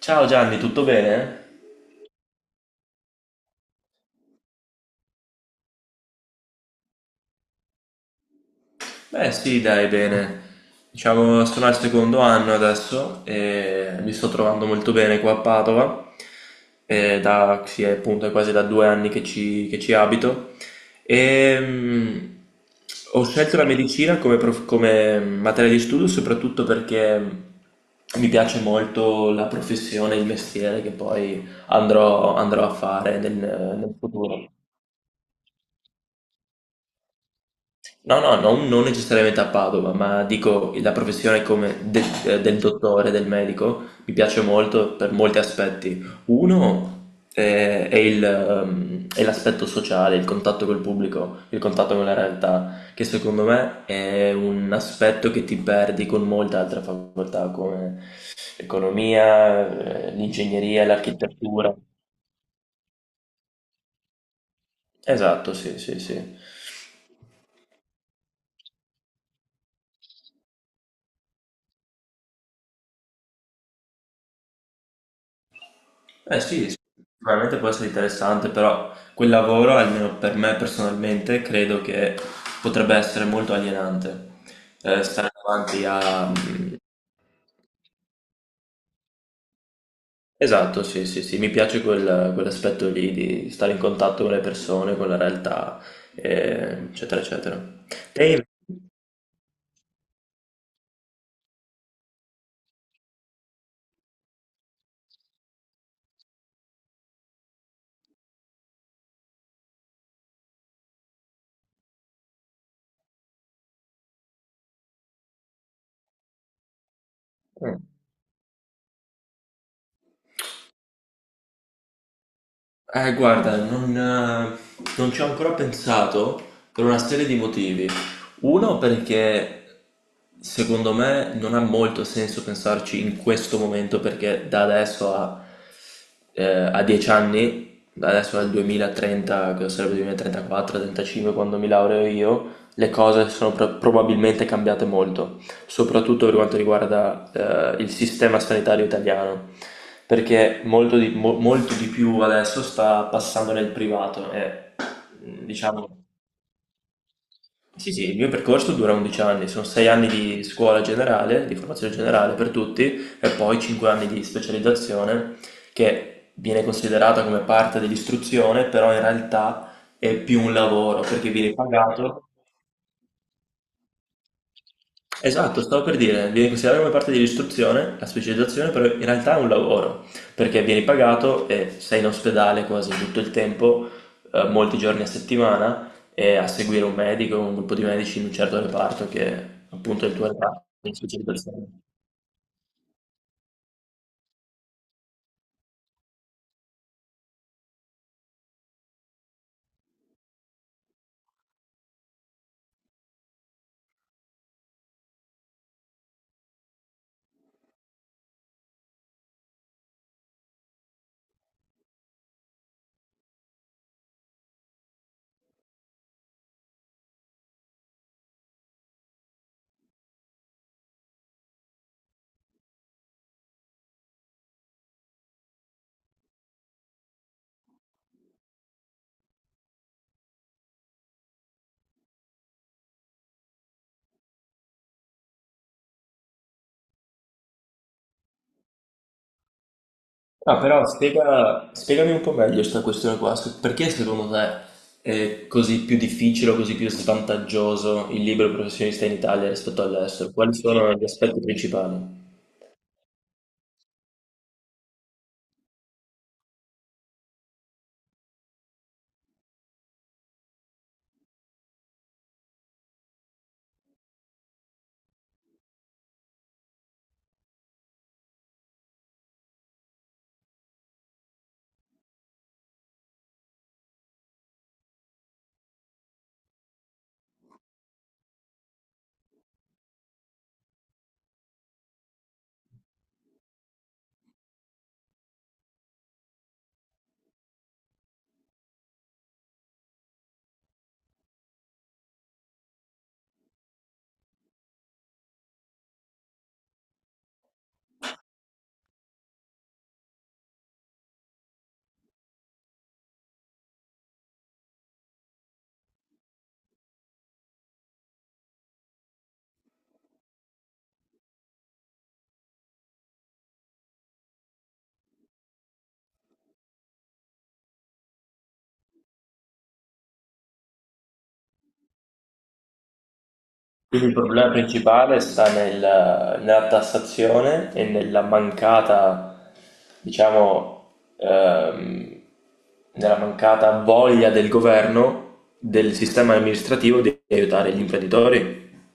Ciao Gianni, tutto bene? Beh sì, dai, bene. Diciamo, sono al secondo anno adesso e mi sto trovando molto bene qua a Padova. Sì, è appunto è quasi da 2 anni che ci abito. E ho scelto la medicina come materia di studio soprattutto perché mi piace molto la professione, il mestiere che poi andrò a fare nel futuro. No, no, non necessariamente a Padova, ma dico la professione come del dottore, del medico, mi piace molto per molti aspetti. Uno è l'aspetto sociale, il contatto col pubblico, il contatto con la realtà, che secondo me è un aspetto che ti perdi con molte altre facoltà come l'economia, l'ingegneria, l'architettura. Esatto, sì, sì, sì. Eh sì, sì, sicuramente può essere interessante, però quel lavoro, almeno per me personalmente, credo che potrebbe essere molto alienante. Stare davanti a... Esatto, sì, sì, sì, mi piace quell'aspetto lì di stare in contatto con le persone, con la realtà, eccetera, eccetera. Te invece— guarda, non ci ho ancora pensato per una serie di motivi. Uno perché secondo me non ha molto senso pensarci in questo momento perché da adesso eh, a 10 anni, da adesso al 2030, che sarebbe 2034-35 quando mi laureo io, le cose sono probabilmente cambiate molto soprattutto per quanto riguarda il sistema sanitario italiano, perché molto di più adesso sta passando nel privato e diciamo... Sì, sì, il mio percorso dura 11 anni, sono 6 anni di scuola generale, di formazione generale per tutti e poi 5 anni di specializzazione che viene considerata come parte dell'istruzione, però in realtà è più un lavoro perché viene pagato. Esatto, stavo per dire, viene considerata come parte dell'istruzione, la specializzazione, però in realtà è un lavoro, perché vieni pagato e sei in ospedale quasi tutto il tempo, molti giorni a settimana, e a seguire un medico, un gruppo di medici in un certo reparto che appunto è il tuo reparto di specializzazione. Ah, però spiegami un po' meglio questa questione qua, perché secondo te è così più difficile o così più svantaggioso il libero professionista in Italia rispetto all'estero? Quali sono gli aspetti principali? Quindi il problema principale sta nella tassazione e nella mancata, diciamo, nella mancata voglia del governo, del sistema amministrativo di aiutare gli imprenditori.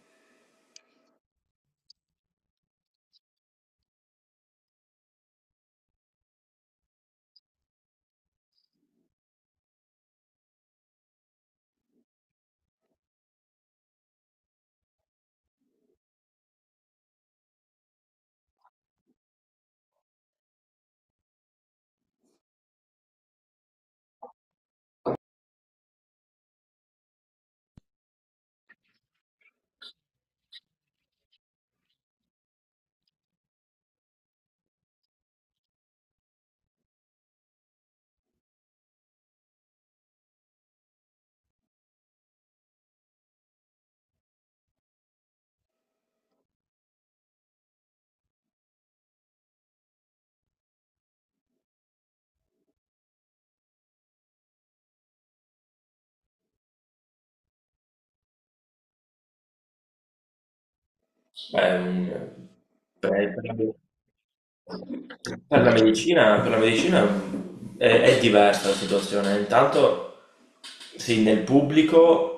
Beh, per, per per la medicina è, diversa la situazione. Intanto, sì, nel pubblico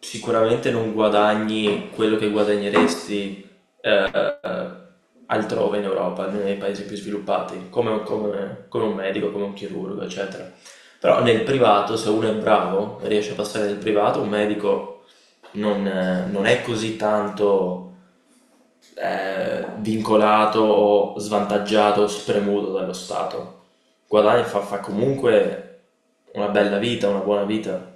sicuramente non guadagni quello che guadagneresti eh, altrove in Europa, nei paesi più sviluppati, come un medico, come un chirurgo, eccetera. Però nel privato, se uno è bravo, riesce a passare nel privato, un medico non è così tanto è vincolato o svantaggiato o spremuto dallo Stato. Guadagna e fa comunque una bella vita, una buona vita.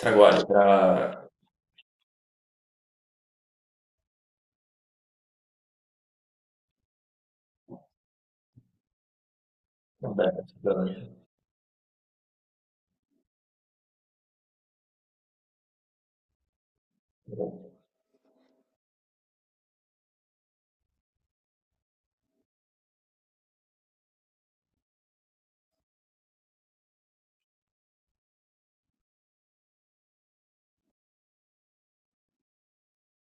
Tra guai, tra— Vabbè, guadagna.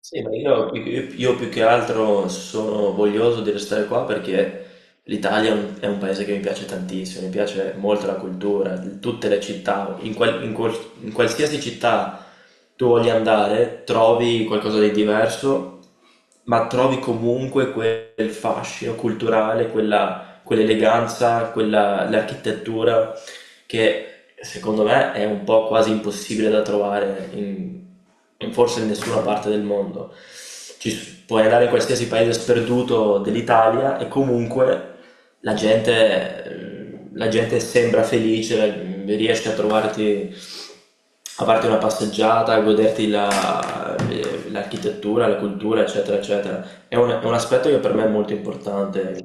Sì, ma io più che altro sono voglioso di restare qua perché l'Italia è un paese che mi piace tantissimo, mi piace molto la cultura, tutte le città, in qualsiasi città tu voglia andare, trovi qualcosa di diverso, ma trovi comunque quel fascino culturale, quella, quell'eleganza, quella, l'architettura che secondo me è un po' quasi impossibile da trovare in, in forse in nessuna parte del mondo. Puoi andare in qualsiasi paese sperduto dell'Italia e comunque la gente sembra felice, riesce a trovarti a parte una passeggiata, a goderti l'architettura, la cultura, eccetera, eccetera. È un aspetto che per me è molto importante.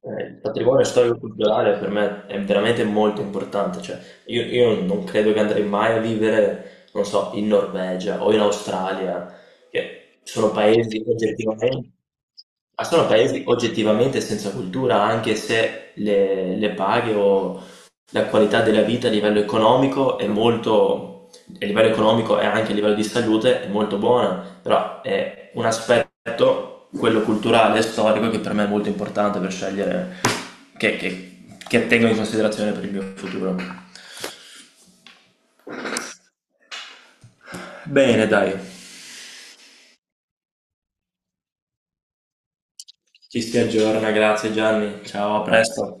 Il patrimonio storico-culturale per me è veramente molto importante, cioè io non credo che andrei mai a vivere, non so, in Norvegia o in Australia, che sono paesi oggettivamente, ma sono paesi oggettivamente senza cultura, anche se le paghe o la qualità della vita a livello economico a livello economico e anche a livello di salute è molto buona, però è un aspetto, quello culturale e storico, che per me è molto importante per scegliere che tengo in considerazione per il mio futuro. Bene, dai, ci si aggiorna, grazie Gianni, ciao, a presto.